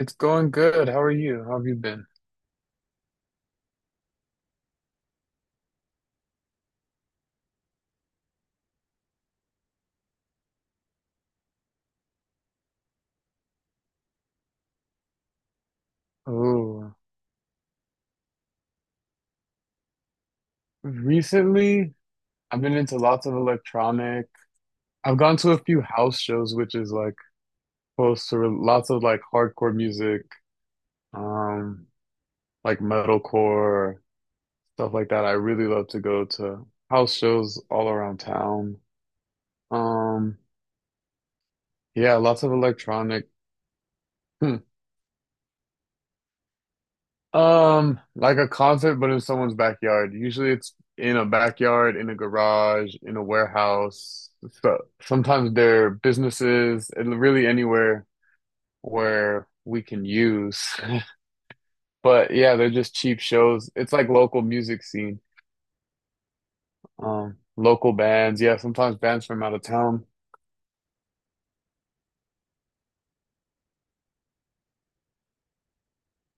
It's going good. How are you? How have you been? Oh, recently I've been into lots of electronic. I've gone to a few house shows, which is like close to lots of like hardcore music, um, like metalcore, stuff like that. I really love to go to house shows all around town. Um, yeah, lots of electronic. Like a concert, but in someone's backyard. Usually it's in a backyard, in a garage, in a warehouse. So sometimes they're businesses, and really anywhere where we can use. But yeah, they're just cheap shows. It's like local music scene. Local bands. Yeah, sometimes bands from out of town.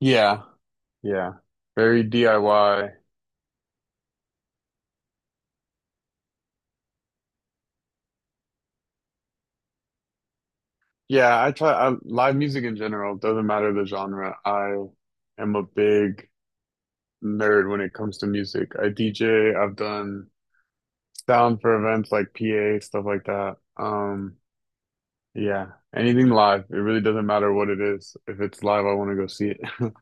Yeah. Yeah. Very DIY. Live music in general. Doesn't matter the genre. I am a big nerd when it comes to music. I DJ, I've done sound for events like PA, stuff like that. Yeah, anything live. It really doesn't matter what it is. If it's live, I want to go see it.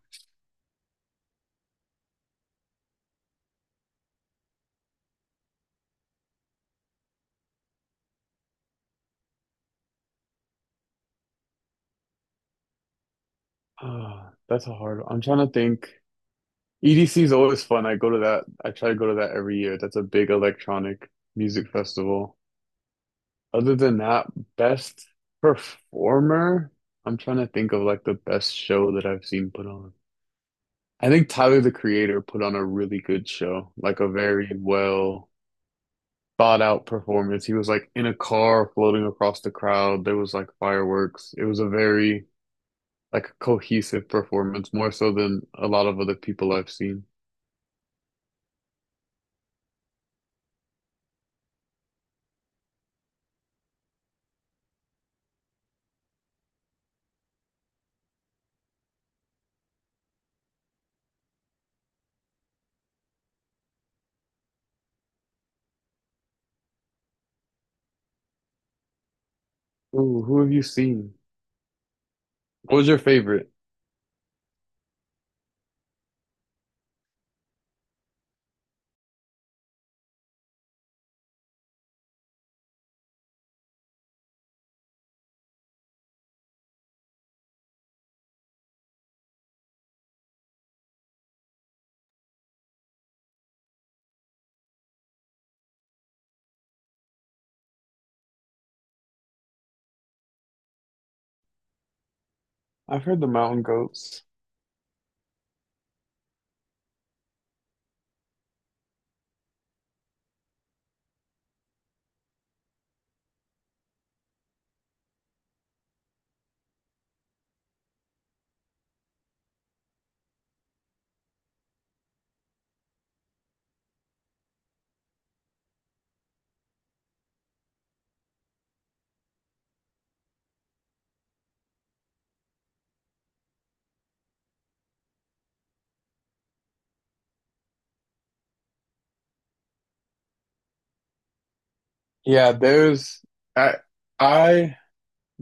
Ah, that's a hard one. I'm trying to think. EDC is always fun. I go to that. I try to go to that every year. That's a big electronic music festival. Other than that, best performer, I'm trying to think of like the best show that I've seen put on. I think Tyler the Creator put on a really good show, like a very well thought out performance. He was like in a car floating across the crowd. There was like fireworks. It was a very like cohesive performance, more so than a lot of other people I've seen. Ooh, who have you seen? What was your favorite? I've heard the Mountain Goats. Yeah, there's I I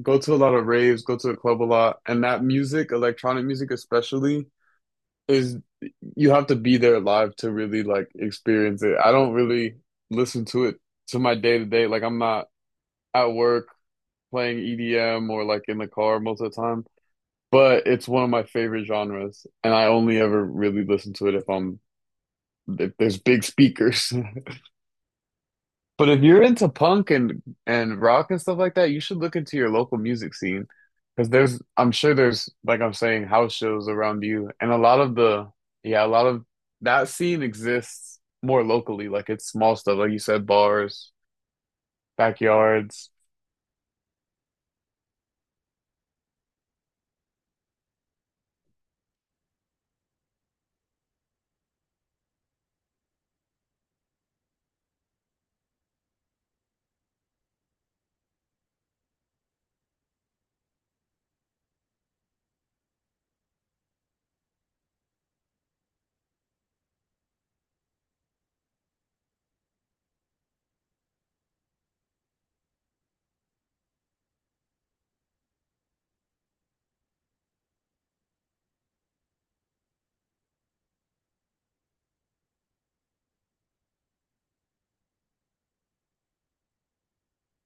go to a lot of raves, go to the club a lot, and that music, electronic music especially, is you have to be there live to really like experience it. I don't really listen to it to my day to day. Like I'm not at work playing EDM or like in the car most of the time. But it's one of my favorite genres, and I only ever really listen to it if I'm if there's big speakers. But if you're into punk and rock and stuff like that, you should look into your local music scene because there's I'm sure there's, like I'm saying, house shows around you, and a lot of yeah, a lot of that scene exists more locally. Like it's small stuff like you said, bars, backyards.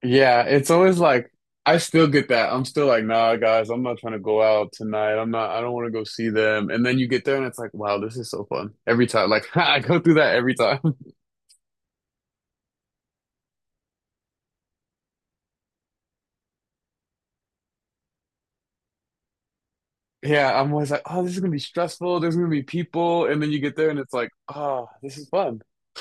Yeah, it's always like I still get that. I'm still like, "Nah, guys, I'm not trying to go out tonight. I don't want to go see them." And then you get there and it's like, "Wow, this is so fun." Every time, like I go through that every time. Yeah, I'm always like, oh, this is gonna be stressful. There's gonna be people, and then you get there, and it's like, oh, this is fun.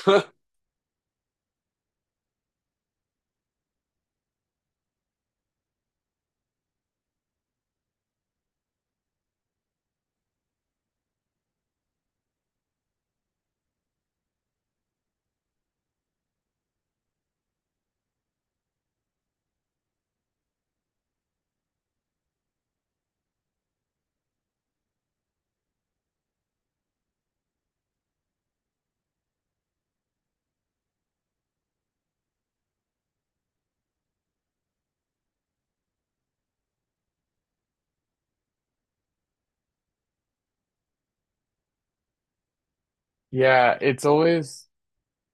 Yeah, it's always,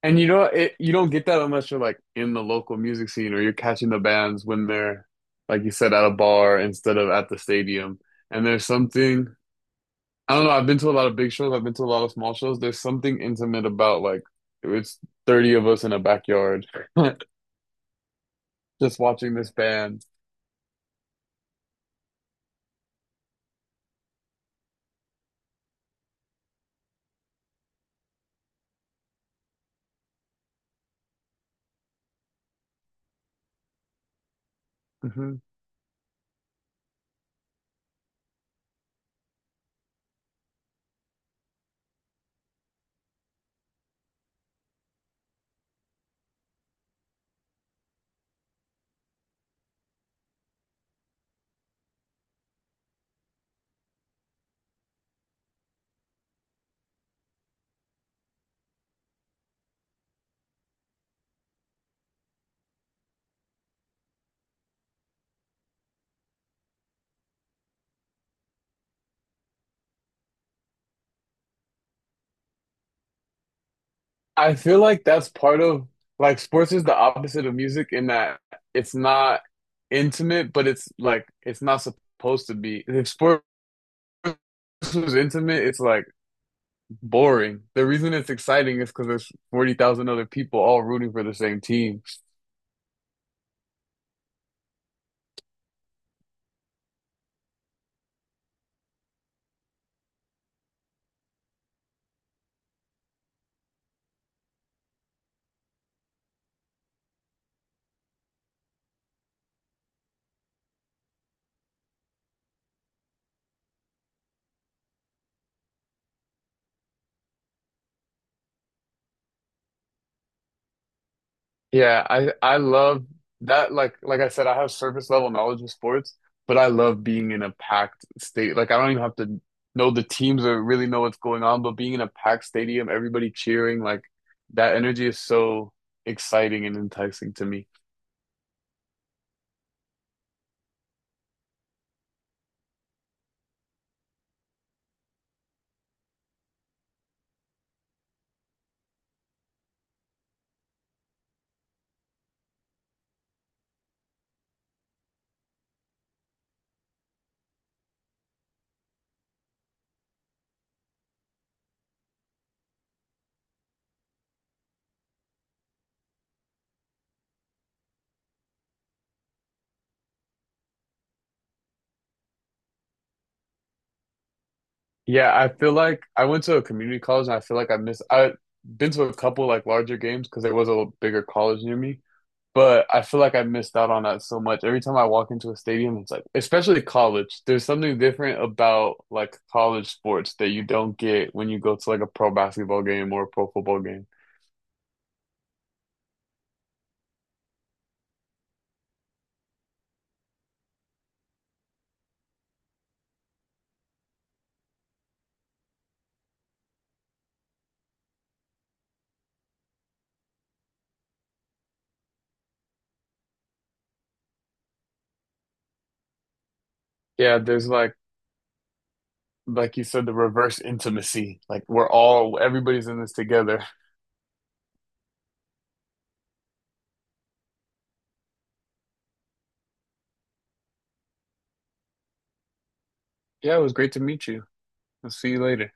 and you know, it, you don't get that unless you're like in the local music scene or you're catching the bands when they're, like you said, at a bar instead of at the stadium. And there's something, I don't know, I've been to a lot of big shows, I've been to a lot of small shows. There's something intimate about like it's 30 of us in a backyard just watching this band. Mm-hmm. I feel like that's part of like sports is the opposite of music in that it's not intimate, but it's like it's not supposed to be. If sports was intimate, it's like boring. The reason it's exciting is because there's 40,000 other people all rooting for the same team. Yeah, I love that. Like I said, I have surface level knowledge of sports, but I love being in a packed state. Like I don't even have to know the teams or really know what's going on, but being in a packed stadium, everybody cheering, like that energy is so exciting and enticing to me. Yeah, I feel like I went to a community college, and I feel like I missed I've been to a couple like larger games because there was a bigger college near me. But I feel like I missed out on that so much. Every time I walk into a stadium, it's like, especially college, there's something different about like college sports that you don't get when you go to like a pro basketball game or a pro football game. Yeah, there's like you said, the reverse intimacy. Like we're all, everybody's in this together. Yeah, it was great to meet you. I'll see you later.